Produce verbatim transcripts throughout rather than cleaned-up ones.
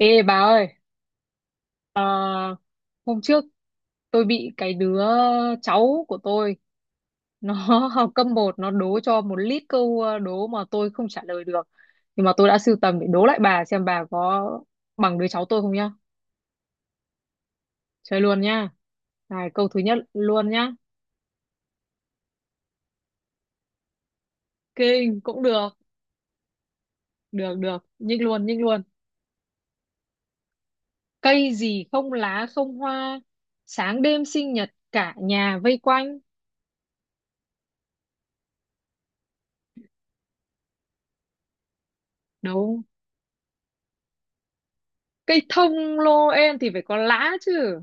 Ê bà ơi, ờ, hôm trước tôi bị cái đứa cháu của tôi nó học cấp một, nó đố cho một lít câu, ờ, đố mà tôi không trả lời được. Nhưng mà tôi đã sưu tầm để đố lại bà, xem bà có bằng đứa cháu tôi không nhá. Chơi luôn nhá. Này, câu thứ nhất luôn nhá. Kinh cũng được, được được, nhích luôn, nhích luôn. Cây gì không lá không hoa, sáng đêm sinh nhật cả nhà vây quanh. Đúng, cây thông lô em thì phải có lá chứ.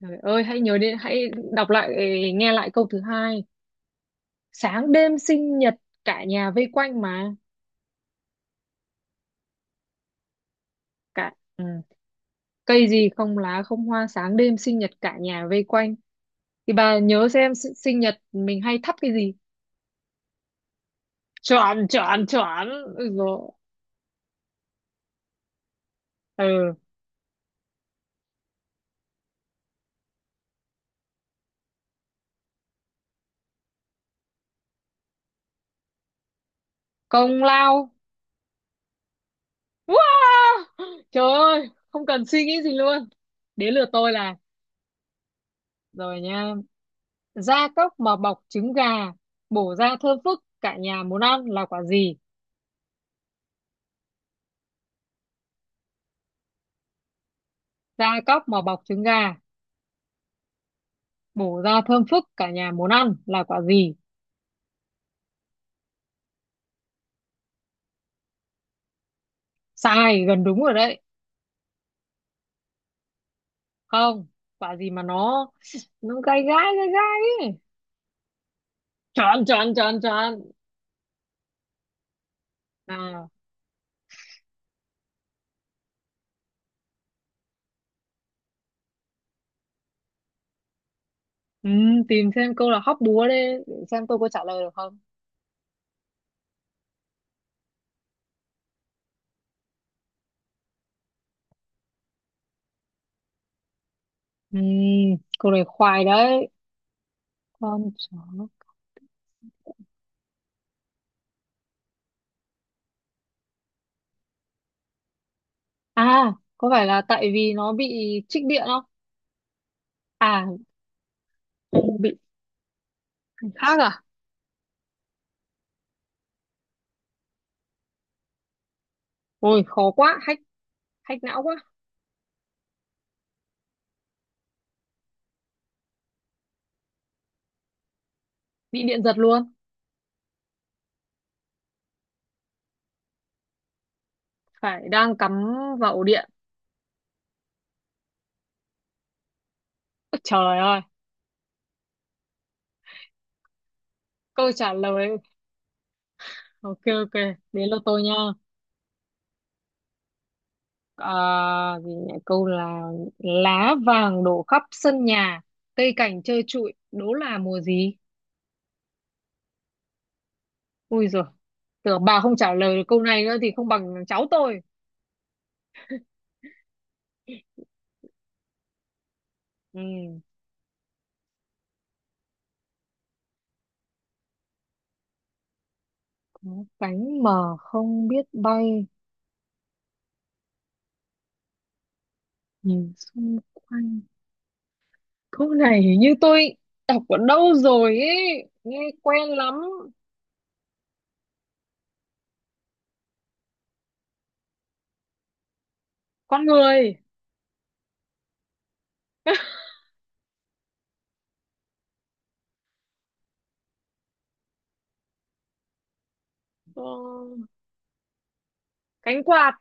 Trời ơi, hãy nhớ đến, hãy đọc lại, ờ, nghe lại câu thứ hai. Sáng đêm sinh nhật, cả nhà vây quanh mà. Cả, ừ. Cây gì không lá không hoa, sáng đêm sinh nhật cả nhà vây quanh. Thì bà nhớ xem s- sinh nhật mình hay thắp cái gì. Chọn, chọn, chọn. Ôi dồi, ừ, công lao. Wow! Trời ơi, không cần suy nghĩ gì luôn. Đến lượt tôi là, rồi nha. Da cốc mà bọc trứng gà, bổ ra thơm phức, cả nhà muốn ăn là quả gì? Gia cóc mà bọc trứng gà, bổ ra thơm phức, cả nhà muốn ăn là quả gì. Sai gần đúng rồi đấy. Không, quả gì mà nó nó gai gai gai gai ấy. Chọn chọn chọn chọn nào. Ừ, tìm xem câu là hóc búa đấy, để xem tôi có trả lời được không. Ừ, câu này khoai đấy. Con chó. À, có phải là tại vì nó bị trích điện không? À, bị khác à? Ôi khó quá, hack hack não quá. Bị điện giật luôn. Phải đang cắm vào ổ điện. Ôi, trời ơi, câu trả lời. Ok ok, đến lượt tôi nha. À, gì nhỉ? Câu là lá vàng đổ khắp sân nhà, cây cảnh trơ trụi, đố là mùa gì. Ui rồi, tưởng bà không trả lời được câu này nữa thì không bằng cháu tôi. Ừ. Có cánh mà không biết bay. Nhìn xung quanh. Câu này hình như tôi đọc ở đâu rồi ấy, nghe quen lắm. Con người. Ờ, cánh quạt.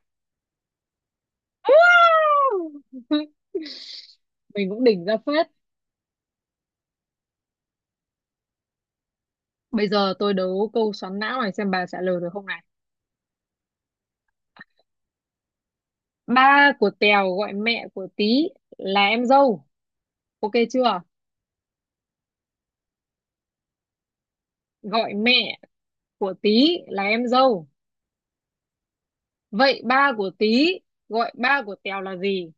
Mình cũng đỉnh ra phết. Bây giờ tôi đấu câu xoắn não này, xem bà trả lời được không này. Ba của Tèo gọi mẹ của Tí là em dâu, ok chưa? Gọi mẹ của Tí là em dâu, vậy ba của Tí gọi ba của Tèo là gì?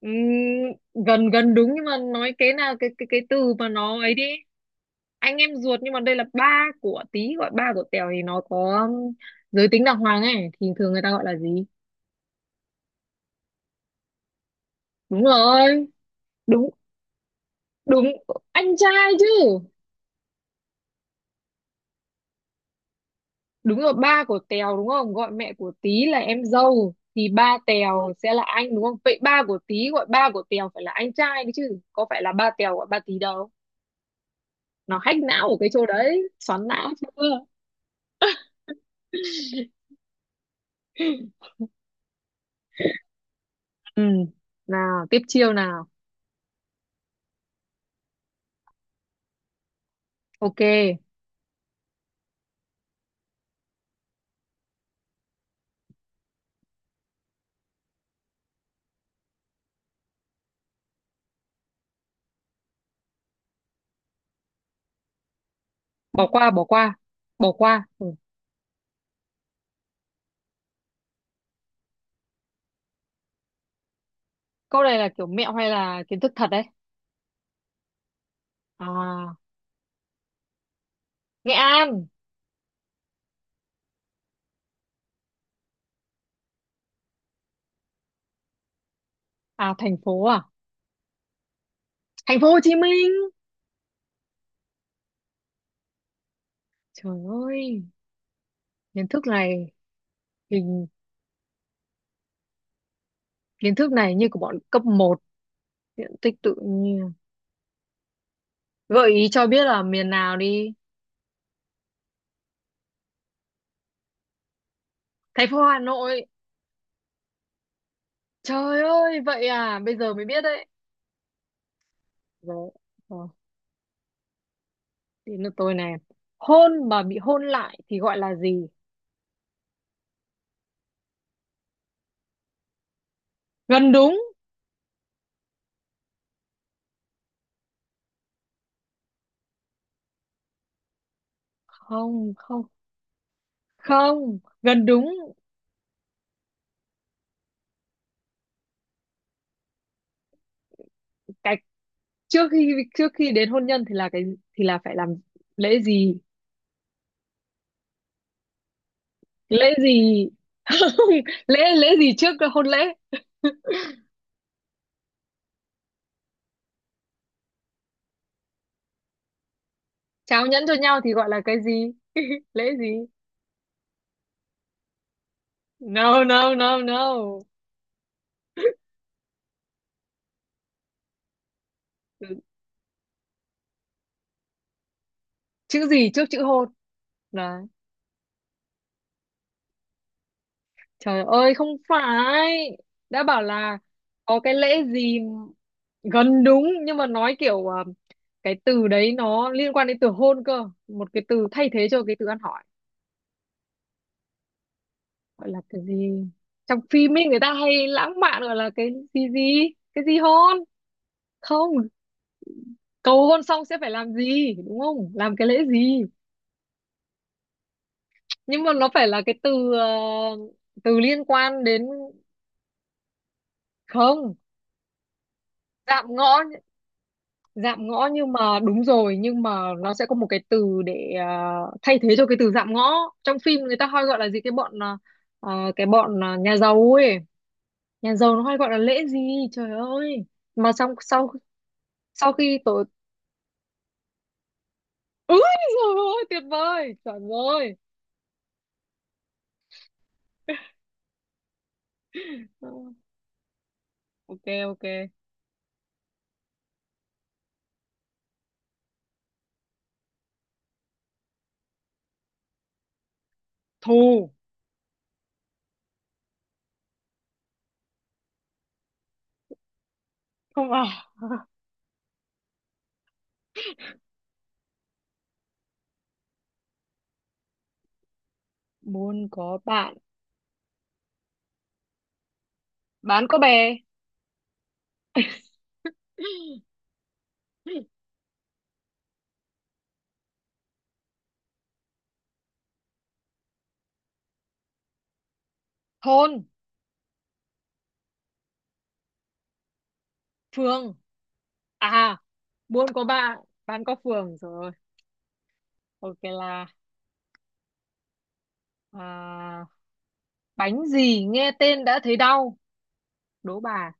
Ừm, Gần gần đúng, nhưng mà nói cái nào, cái cái cái từ mà nó ấy đi. Anh em ruột, nhưng mà đây là ba của Tí gọi ba của Tèo thì nó có giới tính đàng hoàng ấy, thì thường người ta gọi là gì. Đúng rồi, đúng đúng, anh trai chứ. Đúng rồi, ba của Tèo đúng không? Gọi mẹ của Tí là em dâu thì ba Tèo sẽ là anh đúng không? Vậy ba của Tí gọi ba của Tèo phải là anh trai đấy chứ, có phải là ba Tèo gọi ba Tí đâu. Nó hack não của cái chỗ đấy, xoắn não chưa? Ừ. Nào, tiếp chiêu nào. Ok, bỏ qua bỏ qua. Bỏ qua. Ừ. Câu này là kiểu mẹo hay là kiến thức thật đấy? À, Nghệ An. À thành phố à? Thành phố Hồ Chí Minh. Trời ơi, kiến thức này. Mình kiến thức này như của bọn cấp một. Diện tích tự nhiên. Gợi ý cho biết là miền nào đi. Thành phố Hà Nội. Trời ơi, vậy à, bây giờ mới biết đấy. Rồi, rồi, đến lượt tôi này. Hôn mà bị hôn lại thì gọi là gì? Gần đúng. Không, không, không. Gần đúng. Cái trước khi trước khi đến hôn nhân thì là cái thì là phải làm lễ gì? Lễ gì? Không, lễ lễ gì trước hôn lễ? Trao nhẫn cho nhau thì gọi là cái gì? Lễ gì? No no no no. Chữ gì trước chữ hôn là. Trời ơi không phải, đã bảo là có cái lễ gì. Gần đúng, nhưng mà nói kiểu, ờ, cái từ đấy nó liên quan đến từ hôn cơ, một cái từ thay thế cho cái từ ăn hỏi gọi là cái gì. Trong phim ấy người ta hay lãng mạn gọi là cái gì gì cái gì hôn. Không, cầu hôn xong sẽ phải làm gì đúng không, làm cái lễ gì. Nhưng mà nó phải là cái từ, ờ, từ liên quan đến. Không. Dạm ngõ. Dạm ngõ nhưng mà đúng rồi, nhưng mà nó sẽ có một cái từ để, à, thay thế cho cái từ dạm ngõ. Trong phim người ta hay gọi là gì, cái bọn à, à, cái bọn à, nhà giàu ấy. Nhà giàu nó hay gọi là lễ gì. Trời ơi, mà xong sau sau khi tổ. Ui trời ơi, tuyệt vời, chuẩn rồi. Ừ, ok ok. Thù. Không à? Buôn có bạn, bán có bè. Thôn. Phường, à. Buôn có bạn, bán có phường rồi. Ok là. À, bánh gì nghe tên đã thấy đau, đố bà.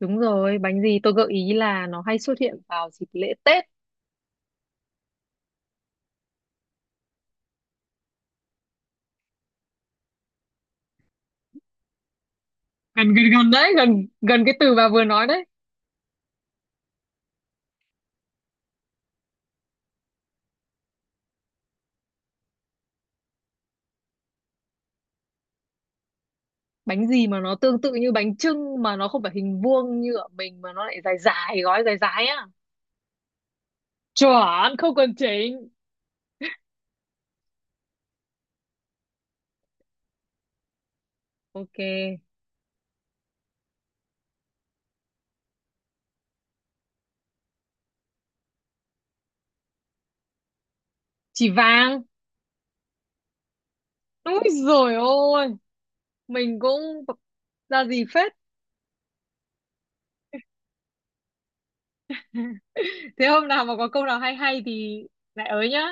Đúng rồi, bánh gì, tôi gợi ý là nó hay xuất hiện vào dịp lễ Tết. Gần gần gần đấy, gần gần cái từ bà vừa nói đấy. Bánh gì mà nó tương tự như bánh chưng mà nó không phải hình vuông như ở mình, mà nó lại dài dài, gói dài dài á. Chuẩn không cần chỉnh. Ok. Chỉ vàng. Úi rồi, ôi mình cũng ra gì phết. Thế hôm nào mà có câu nào hay hay thì lại ới nhá.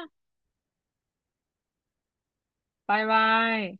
Bye bye.